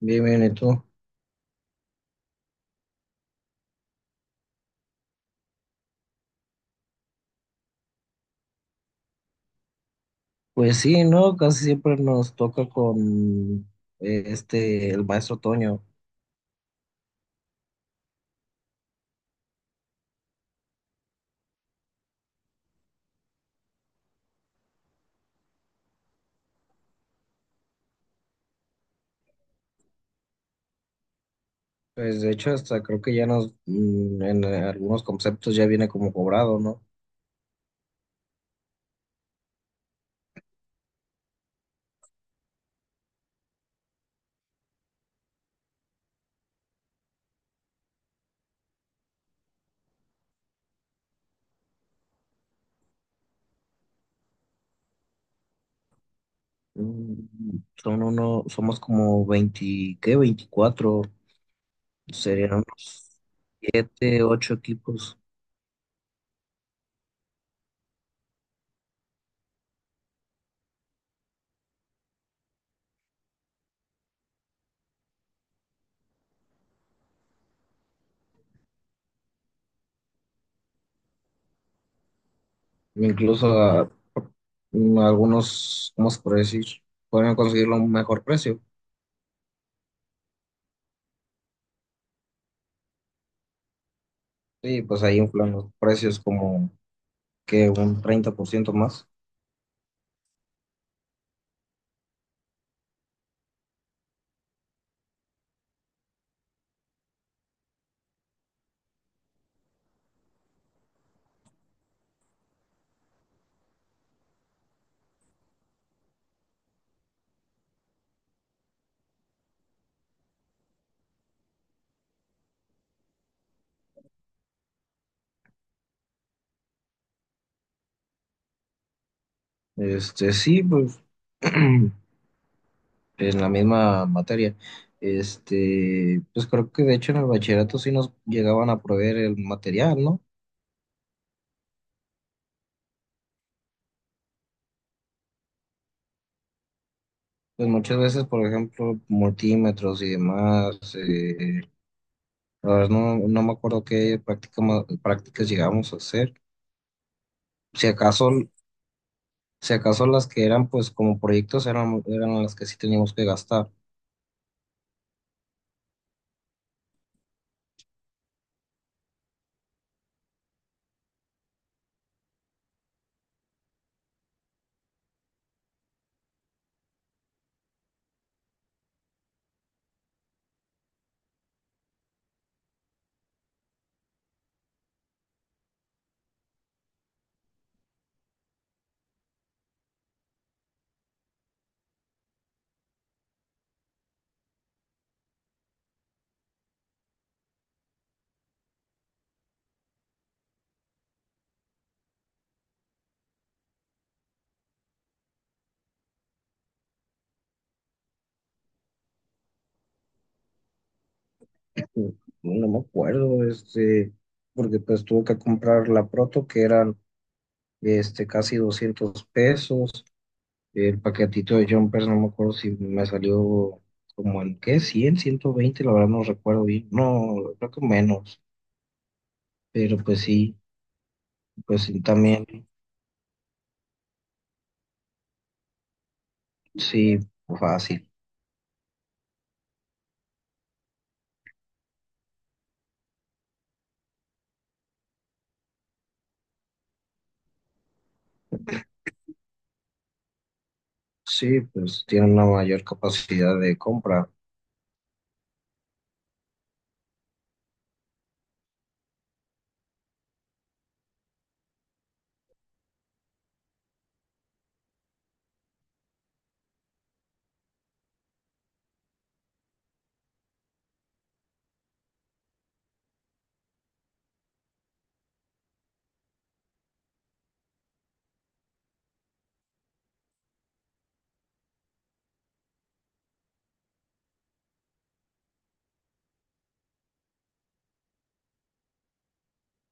Bien, bien, ¿y tú? Pues sí, ¿no? Casi siempre nos toca con el maestro Toño. Pues de hecho, hasta creo que ya nos, mm, en algunos conceptos ya viene como cobrado, ¿no? Son somos como 20, ¿qué? 24. Serían unos 7, 8 equipos. Incluso a- Algunos, ¿cómo se puede decir? Pueden conseguirlo a un mejor precio. Sí, pues ahí inflan los precios como que un 30 por ciento más. Sí, pues en la misma materia. Pues creo que de hecho en el bachillerato sí nos llegaban a proveer el material, ¿no? Pues muchas veces, por ejemplo, multímetros y demás, la verdad no, no me acuerdo qué práctica, prácticas llegábamos a hacer. Si acaso, si acaso las que eran pues como proyectos eran, eran las que sí teníamos que gastar. No, no me acuerdo, porque pues tuve que comprar la proto que eran casi 200 pesos. El paquetito de Jumpers, no me acuerdo si me salió como en qué, ciento veinte, la verdad no recuerdo bien. No, creo que menos, pero pues sí, también, sí, fácil. Sí, pues tiene una mayor capacidad de compra.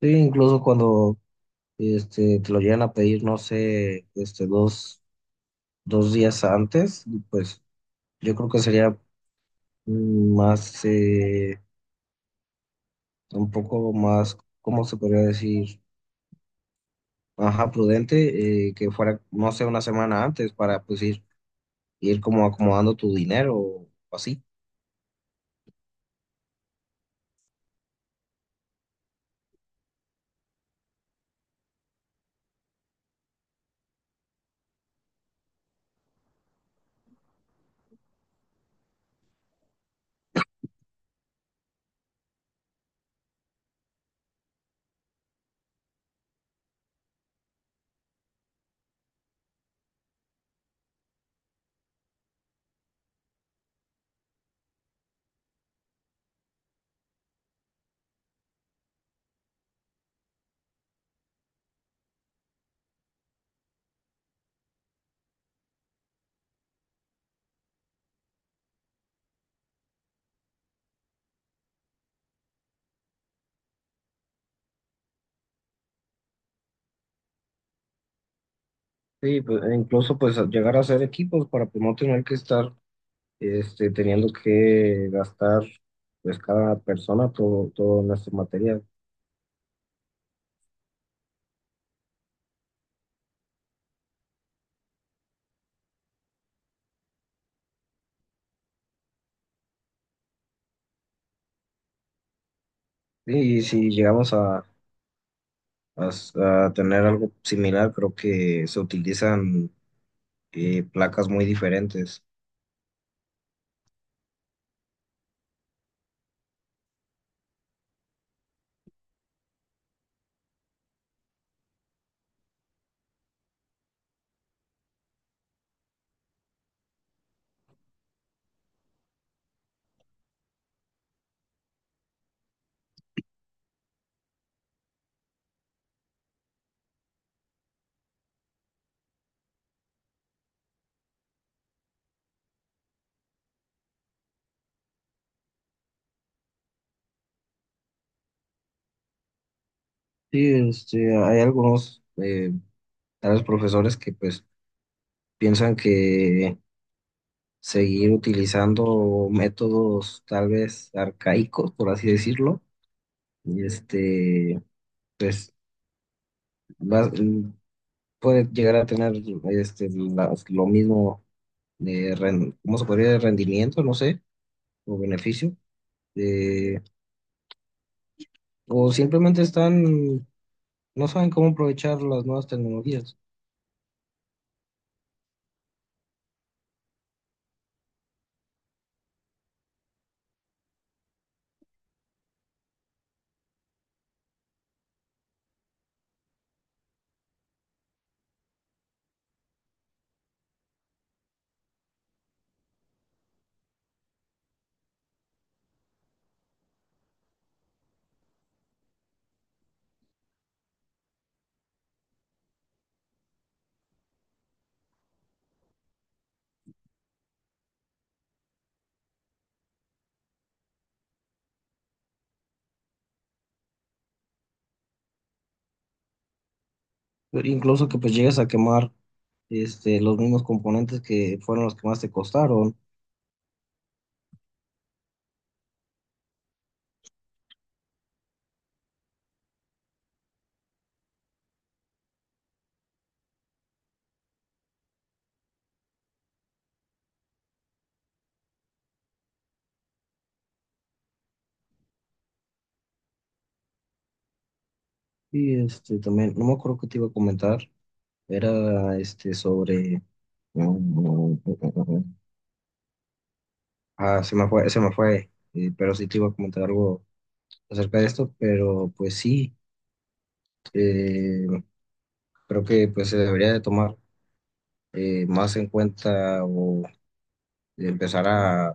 Sí, incluso cuando te lo llegan a pedir, no sé, dos días antes, pues yo creo que sería mm, más... eh, un poco más, ¿cómo se podría decir? Ajá, prudente, que fuera, no sé, una semana antes para pues ir como acomodando tu dinero o así. Sí, pues, e incluso pues llegar a hacer equipos para pues, no tener que estar teniendo que gastar pues cada persona todo, todo nuestro material. Sí, y si llegamos a, a tener algo similar, creo que se utilizan placas muy diferentes. Sí, hay algunos a los profesores que pues piensan que seguir utilizando métodos tal vez arcaicos, por así decirlo, y pues va- puede llegar a tener lo mismo de, ¿cómo se podría decir? Rendimiento, no sé, o beneficio, eh, o simplemente están, no saben cómo aprovechar las nuevas tecnologías, incluso que pues llegues a quemar los mismos componentes que fueron los que más te costaron. Y este también, no me acuerdo qué te iba a comentar, era sobre mm, ah, se me fue, pero sí te iba a comentar algo acerca de esto, pero pues sí, eh, creo que pues se debería de tomar más en cuenta o empezar a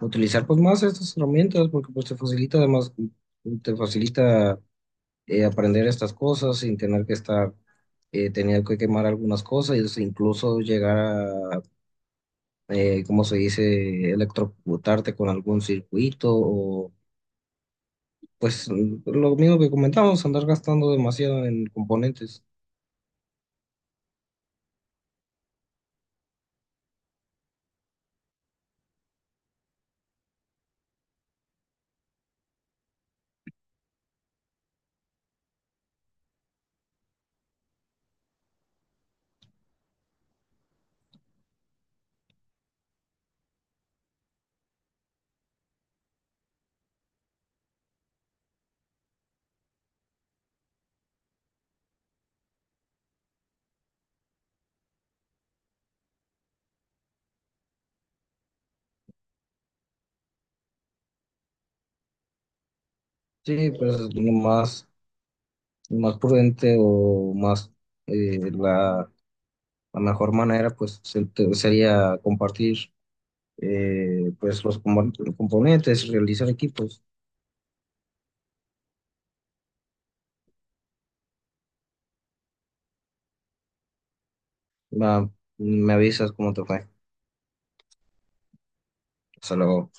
utilizar pues más estas herramientas, porque pues te facilita además, te facilita aprender estas cosas sin tener que estar teniendo que quemar algunas cosas, e incluso llegar a ¿cómo se dice? Electrocutarte con algún circuito o pues lo mismo que comentamos, andar gastando demasiado en componentes. Sí, pues lo más prudente o más la, la mejor manera pues sería compartir pues los componentes, realizar equipos. Va, me avisas cómo te fue. Hasta luego.